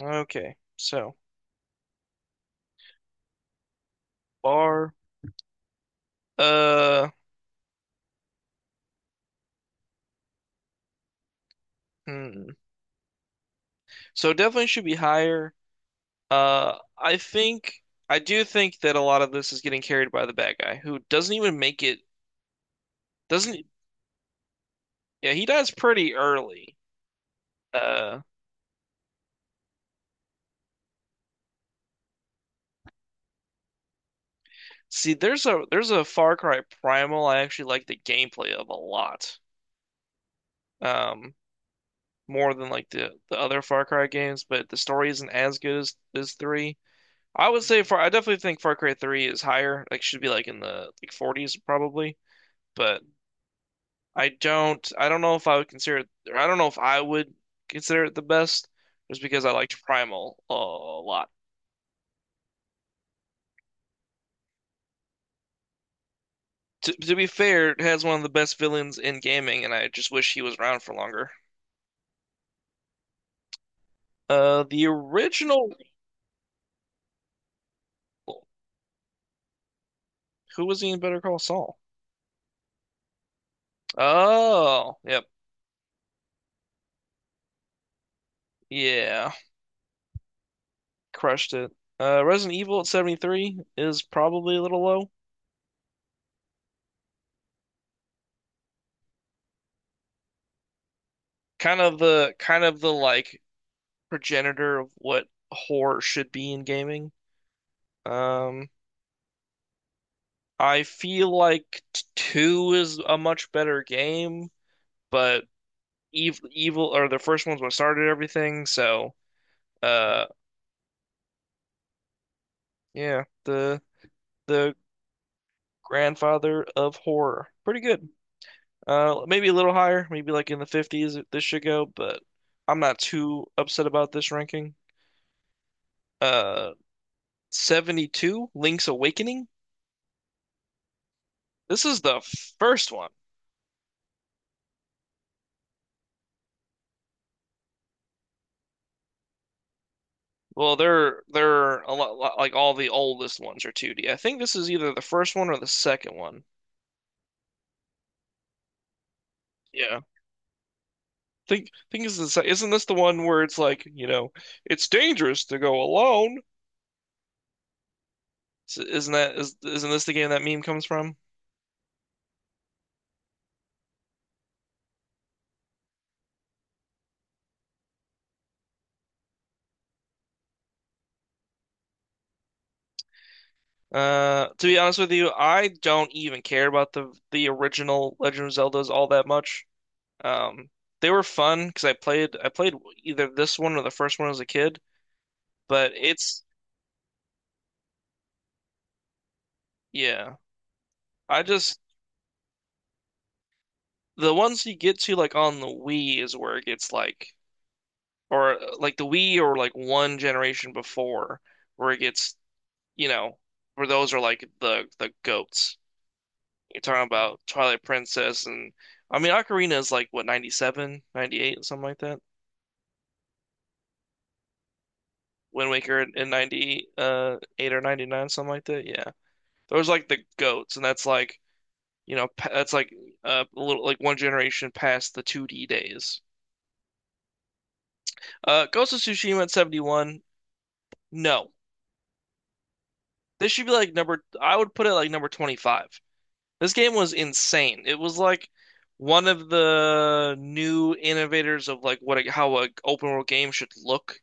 Okay, bar. Uh, hmm. So definitely should be higher. Uh, I think I do think that a lot of this is getting carried by the bad guy who doesn't even make it. Doesn't yeah, he dies pretty early. Uh, see, there's a Far Cry Primal I actually like the gameplay of a lot. Um, more than like the other Far Cry games, but the story isn't as good as three. I definitely think Far Cry 3 is higher. Like should be like in the like 40s probably. But I don't know if I would consider it or I don't know if I would consider it the best just because I liked Primal a lot. To be fair, it has one of the best villains in gaming, and I just wish he was around for longer. The original Who was he in Better Call Saul? Oh, yep. Yeah, crushed it. Resident Evil at 73 is probably a little low. Kind of the like progenitor of what horror should be in gaming. Um I feel like two is a much better game, but evil, evil or the first one's what started everything. Uh, yeah, the the grandfather of horror, pretty good. Maybe a little higher, maybe like in the 50s this should go, but I'm not too upset about this ranking. Uh, 72, Link's Awakening. This is the first one. Well, they're a lot like all the oldest ones are 2D. I think this is either the first one or the second one. Yeah. Think is this, isn't this the one where it's like, you know, it's dangerous to go alone? Isn't this the game that meme comes from? To be honest with you, I don't even care about the original Legend of Zeldas all that much. Um, they were fun because I played either this one or the first one as a kid, but it's yeah. I just the ones you get to like on the Wii is where it gets like, or like the Wii or like one generation before, where it gets, you know, where those are like the goats. You're talking about Twilight Princess. And I mean Ocarina is like what, 97, 98, something like that. Wind Waker in 90 8 or 99, something like that. Yeah. Those are like the goats, and that's like, you know, that's like a little like one generation past the 2D days. Ghost of Tsushima at 71. No. This should be like number, I would put it like number 25. This game was insane. It was like one of the new innovators of like how a open world game should look.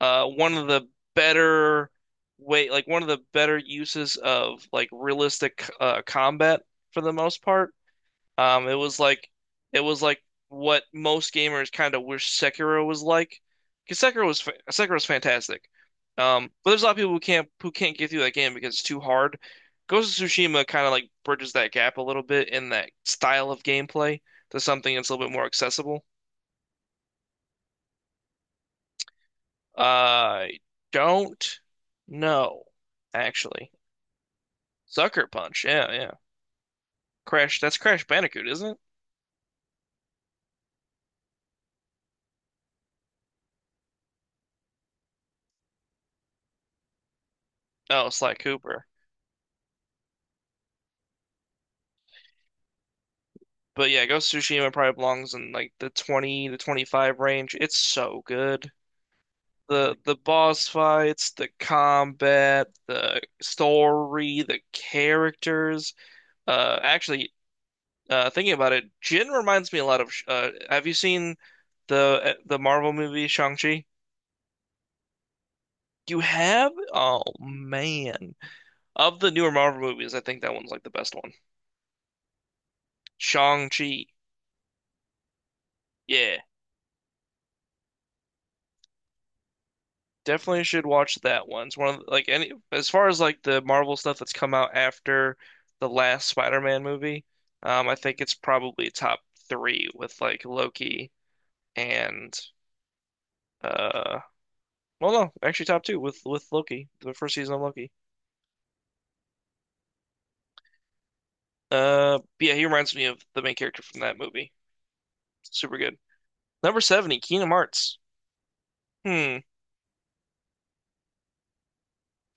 One of the better way, like one of the better uses of like realistic combat for the most part. Um, it was like it was like what most gamers kind of wish Sekiro was like, because Sekiro was fa Sekiro's fantastic. But there's a lot of people who can't get through that game because it's too hard. Ghost of Tsushima kind of like bridges that gap a little bit in that style of gameplay to something that's a little bit more accessible. I don't know, actually. Sucker Punch, yeah. Crash, that's Crash Bandicoot, isn't it? Oh, Sly Cooper. But yeah, Ghost of Tsushima probably belongs in like the 20 to 25 range. It's so good. The boss fights, the combat, the story, the characters. Actually thinking about it, Jin reminds me a lot of have you seen the Marvel movie Shang-Chi? You have? Oh man. Of the newer Marvel movies, I think that one's like the best one. Shang-Chi. Yeah. Definitely should watch that one. It's one of the- like any as far as like the Marvel stuff that's come out after the last Spider-Man movie, I think it's probably top three with like Loki, and uh well no, actually top two with Loki, the first season of Loki. But yeah, he reminds me of the main character from that movie. Super good. Number 70, Kingdom Hearts. Hmm.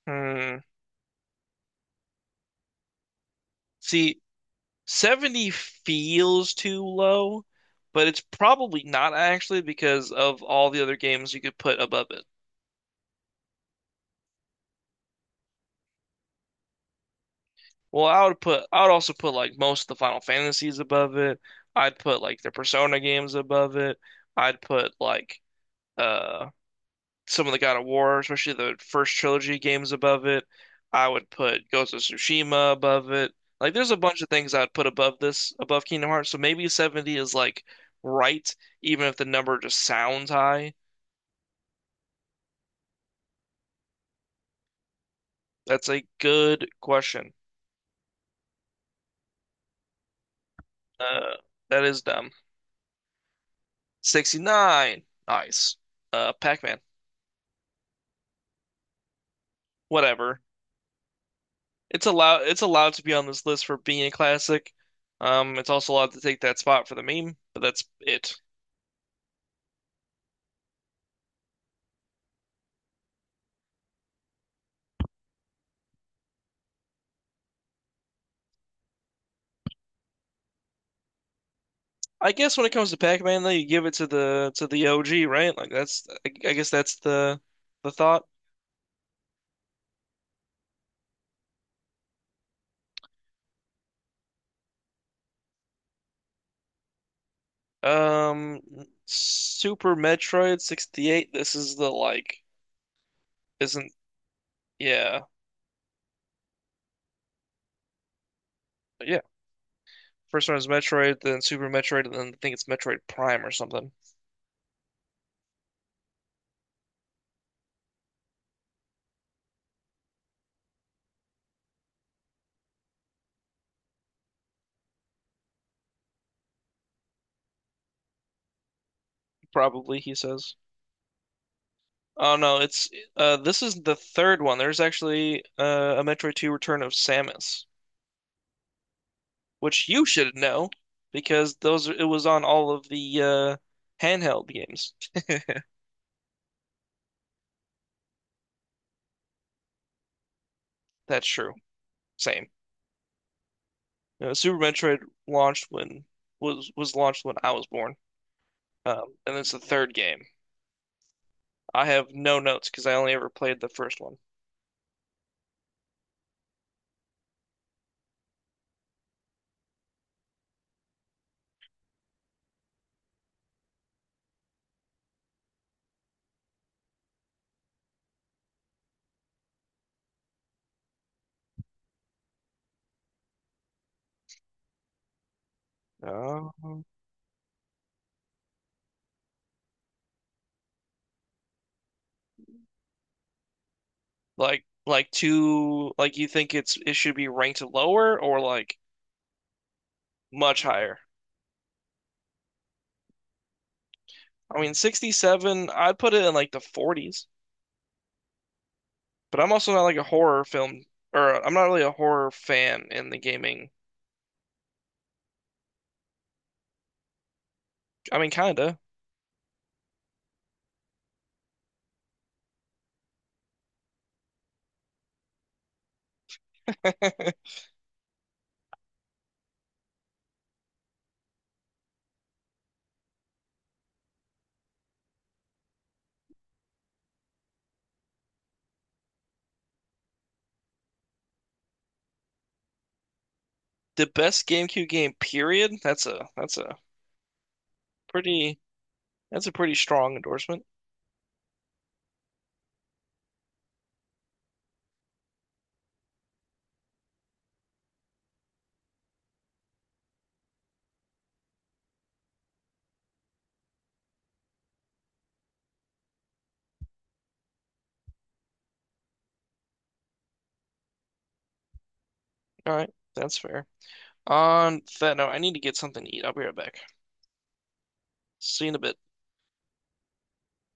Hmm. See, 70 feels too low, but it's probably not actually, because of all the other games you could put above it. Well, I would also put like most of the Final Fantasies above it. I'd put like the Persona games above it. I'd put like uh some of the God of War, especially the first trilogy games, above it. I would put Ghost of Tsushima above it. Like there's a bunch of things I'd put above this, above Kingdom Hearts. So maybe 70 is like right, even if the number just sounds high. That's a good question. Uh, that is dumb. 69. Nice. Pac-Man. Whatever. It's allowed to be on this list for being a classic. It's also allowed to take that spot for the meme, but that's it. I guess when it comes to Pac-Man, though, you give it to the OG, right? I guess that's the thought. Um, Super Metroid 68. This is the like isn't, yeah. Yeah, first one is Metroid, then Super Metroid, and then I think it's Metroid Prime or something. Probably, he says. Oh no, it's this is the third one. There's actually a Metroid 2 Return of Samus, which you should know because those it was on all of the handheld games. That's true. Same. You know, Super Metroid launched when was launched when I was born. And it's the third game. I have no notes because I only ever played the first one. Oh. Like two, like you think it's it should be ranked lower or like much higher? I mean, 67, I'd put it in like the 40s, but I'm also not like a horror film, or I'm not really a horror fan in the gaming. I mean, kinda. The best GameCube game, period. That's a, that's a pretty, that's a pretty strong endorsement. All right, that's fair. On that note, I need to get something to eat. I'll be right back. See you in a bit.